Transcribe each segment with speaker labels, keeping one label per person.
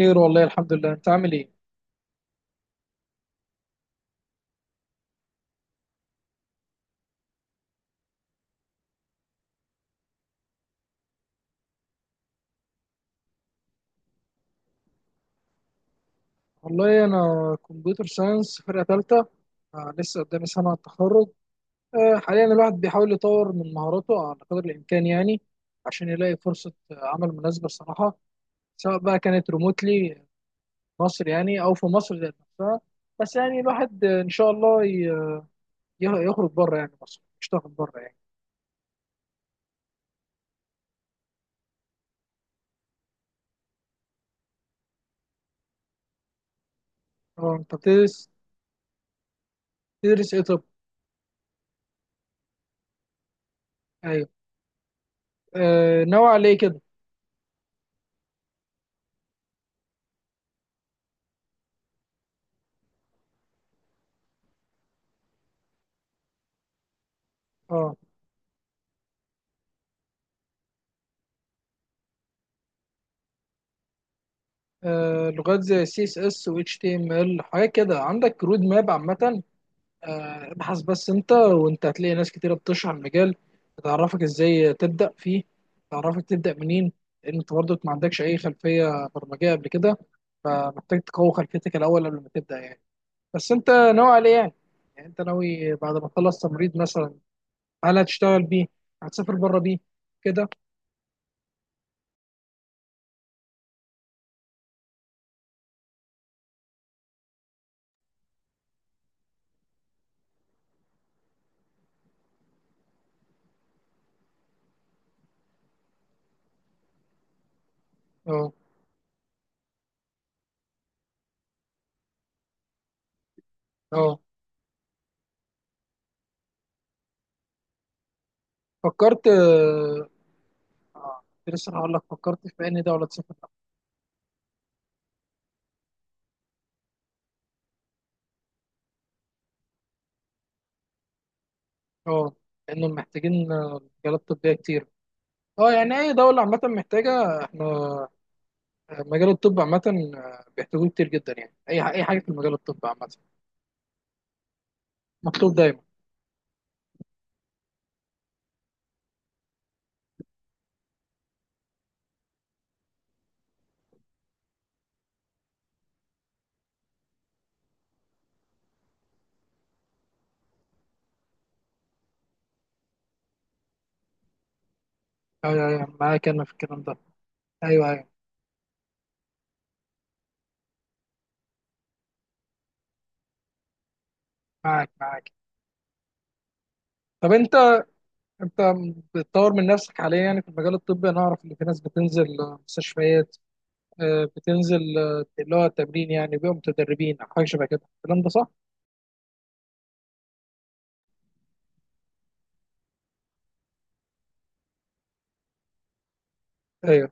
Speaker 1: خير والله الحمد لله، انت عامل ايه؟ والله انا كمبيوتر ساينس، فرقه ثالثه. لسه قدامي سنه على التخرج. حاليا الواحد بيحاول يطور من مهاراته على قدر الامكان يعني، عشان يلاقي فرصه عمل مناسبه الصراحه، سواء بقى كانت ريموتلي مصر يعني او في مصر ذات نفسها. بس يعني الواحد، ان شاء الله يخرج بره يعني مصر، يشتغل بره يعني. اه انت بتدرس، تدرس ايه طب؟ ايوه. آه، ناوي على ايه كده؟ آه. آه، لغات زي سي اس اس و اتش تي ام ال، حاجات كده. عندك رود ماب عامة؟ آه، ابحث بس انت وانت هتلاقي ناس كتيرة بتشرح المجال، تعرفك ازاي تبدأ فيه، تعرفك تبدأ منين. لان انت برضك ما عندكش اي خلفية برمجية قبل كده، فمحتاج تقوي خلفيتك الاول قبل ما تبدأ يعني. بس انت ناوي على ايه يعني؟ يعني انت ناوي بعد ما تخلص تمريض مثلا، هل هتشتغل بيه؟ هتسافر بره بيه؟ كده. اه اه. فكرت، كنت لسه هقول لك، فكرت في انهي دولة تسافر؟ اه. لانهم محتاجين مجالات طبيه كتير. اه يعني اي دوله عامه محتاجه. احنا، مجال الطب عامه، بيحتاجوه كتير جدا يعني. اي اي حاجه في مجال الطب عامه مطلوب دايما. ايوه ايوه، معاك انا في الكلام ده. ايوه ايوه. معاك معاك. طب انت، انت بتطور من نفسك حاليا يعني في المجال الطبي؟ انا اعرف ان في ناس بتنزل مستشفيات، بتنزل اللي هو التمرين يعني، بيبقوا متدربين او حاجه شبه كده. الكلام ده صح؟ ايوه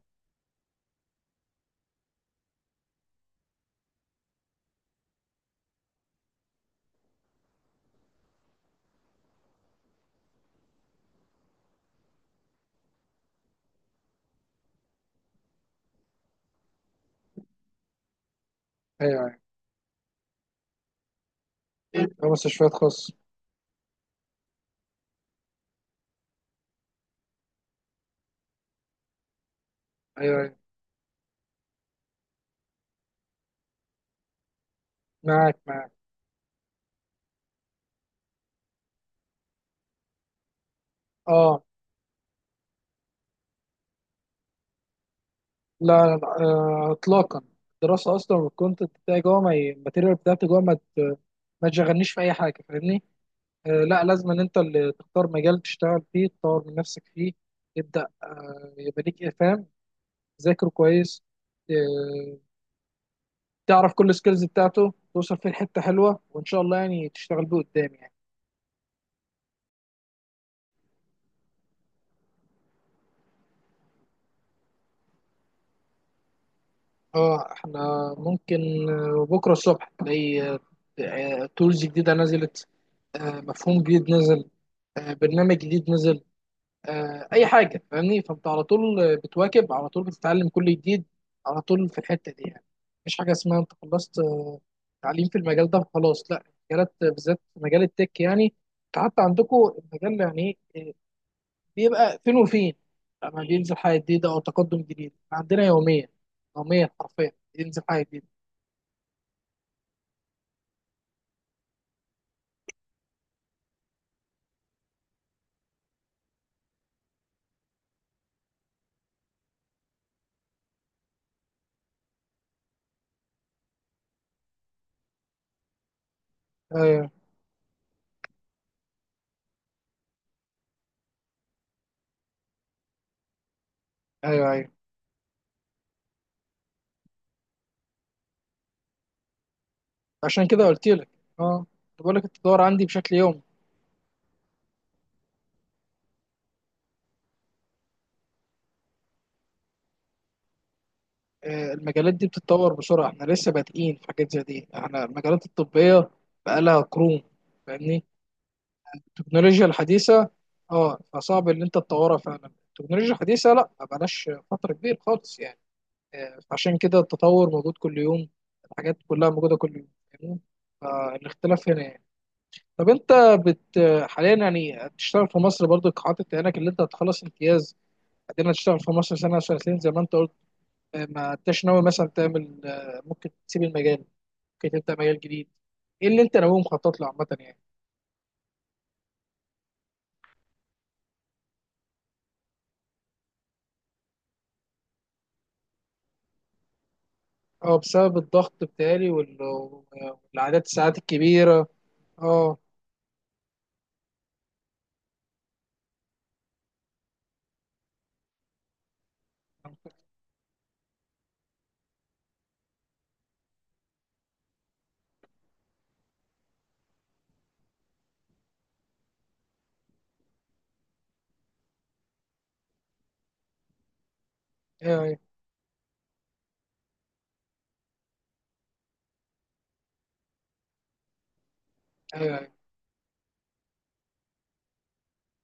Speaker 1: ايوه ايوه. أيوة، مستشفيات خاصه. ايوه ايوه. معاك معاك. اه. لا لا لا، اطلاقا. الدراسه اصلا والكونتنت بتاعي جوه، ما ي- الماتيريال بتاعتي جوه ما تشغلنيش في اي حاجه، فاهمني؟ لا، لازم ان انت اللي تختار مجال تشتغل فيه، تطور من نفسك فيه، تبدا، يبقى ليك افهام، تذاكره كويس، آه، تعرف كل السكيلز بتاعته، توصل فيه لحته حلوه وان شاء الله يعني تشتغل بيه قدام يعني. اه احنا ممكن بكره الصبح تلاقي تولز جديده نزلت، مفهوم جديد نزل، برنامج جديد نزل، اي حاجه، فاهمني؟ فانت على طول بتواكب، على طول بتتعلم كل جديد، على طول في الحته دي يعني. مفيش حاجه اسمها انت خلصت تعليم في المجال ده خلاص، لا. المجالات بالذات مجال التك يعني، انت حتى عندكم المجال يعني إيه، بيبقى فين وفين لما بينزل حاجه جديده او تقدم جديد. عندنا يوميا، يوميا حرفيا بينزل حاجه جديده. ايوه ايوه ايوه. عشان كده قلت لك، اه كنت بقول لك التطور عندي بشكل يومي. آه، المجالات دي بتتطور بسرعة، احنا لسه بادئين في حاجات زي دي. احنا المجالات الطبية بقالها قرون، فاهمني؟ التكنولوجيا الحديثة، اه، فصعب ان انت تطورها فعلا. التكنولوجيا الحديثة لا، ما بقالهاش فترة كبيرة خالص يعني. آه، فعشان كده التطور موجود كل يوم، الحاجات كلها موجودة كل يوم، فاهمني؟ فالاختلاف هنا يعني. طب انت، بت حاليا يعني بتشتغل في مصر برضو حاطط عينك اللي انت هتخلص امتياز بعدين هتشتغل في مصر سنة أو سنتين زي ما انت، ما انتش ناوي مثلا تعمل، ممكن تسيب المجال، ممكن تبدا مجال جديد؟ ايه اللي انت ناوي مخطط له عامه يعني؟ اه بسبب الضغط بتاعي والعادات، الساعات الكبيره. اه ايوه ايوه. ايوه ايوه.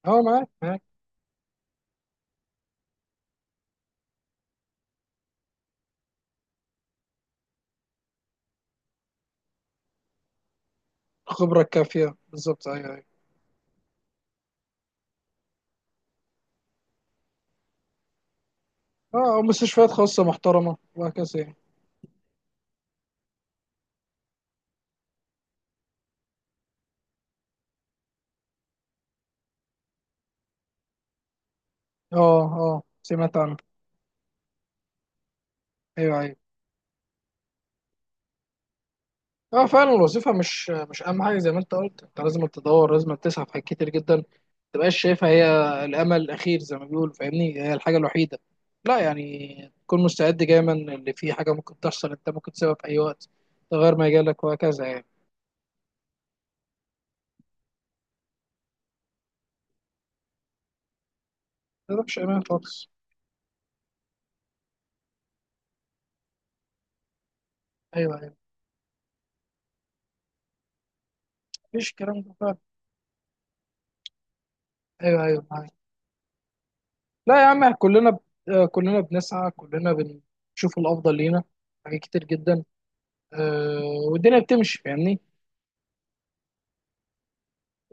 Speaker 1: اه معاك معاك. الخبره الكافيه بالظبط، ايوه ايوه. اه أو مستشفيات خاصه محترمه وهكذا يعني. اه اه، سمعت عنها. ايوه ايوه. اه فعلا، الوظيفة مش مش أهم حاجة زي ما أنت قلت، أنت لازم تدور، لازم تسعى في حاجات كتير جدا، ما تبقاش شايفها هي الأمل الأخير زي ما بيقولوا، فاهمني؟ هي الحاجة الوحيدة، لا، يعني تكون مستعد دايما اللي في حاجة ممكن تحصل، أنت ممكن تسيبها في أي وقت، ده غير ما يجيلك وهكذا يعني، ما تبقاش أمان خالص. أيوه أيوه، مفيش الكلام ده فعلا. أيوه أيوه معاك. لا يا عم، آه، كلنا بنسعى، كلنا بنشوف الأفضل لينا، حاجات كتير جدا، أه، والدنيا بتمشي، فاهمني.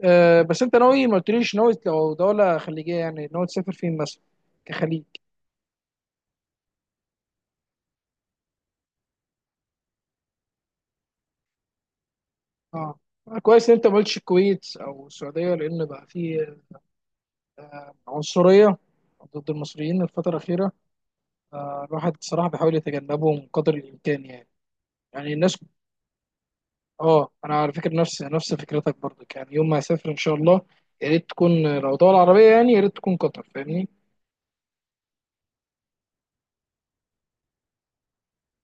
Speaker 1: أه بس انت ناوي، ما قلتليش، ناوي لو دولة خليجية يعني ناوي تسافر فين مثلا كخليج؟ اه. آه، كويس ان انت ما قلتش الكويت او السعودية، لان بقى في عنصرية ضد المصريين الفترة الأخيرة. آه، الواحد صراحة بيحاول يتجنبهم قدر الإمكان يعني. يعني الناس، اه انا على فكرة نفس فكرتك برضك يعني، يوم ما اسافر ان شاء الله يا ريت تكون لو دولة عربية، يعني يا ريت تكون قطر، فاهمني؟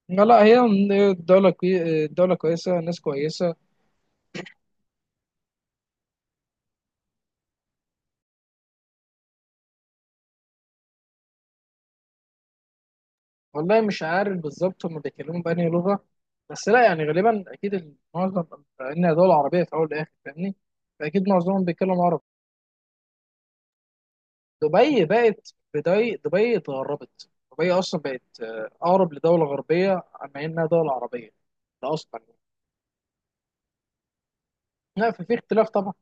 Speaker 1: لا لا، هي الدولة الدولة كويسة، الناس كويسة. والله مش عارف بالظبط هم بيتكلموا بأنهي لغة، بس لا يعني غالبا أكيد معظم، لأن دول عربية في أول والآخر، فاهمني؟ فأكيد معظمهم بيتكلموا عربي. دبي بقت دبي اتغربت، دبي أصلا بقت، أقرب لدولة غربية أما إنها دولة عربية ده أصلا يعني. لا ففي اختلاف طبعا.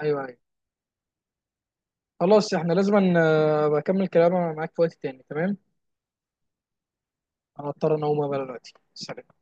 Speaker 1: أيوه أيوه. خلاص، إحنا لازم بكمل كلام معاك في وقت تاني، تمام؟ أنا أضطر أن أقوم بقى دلوقتي، سلام.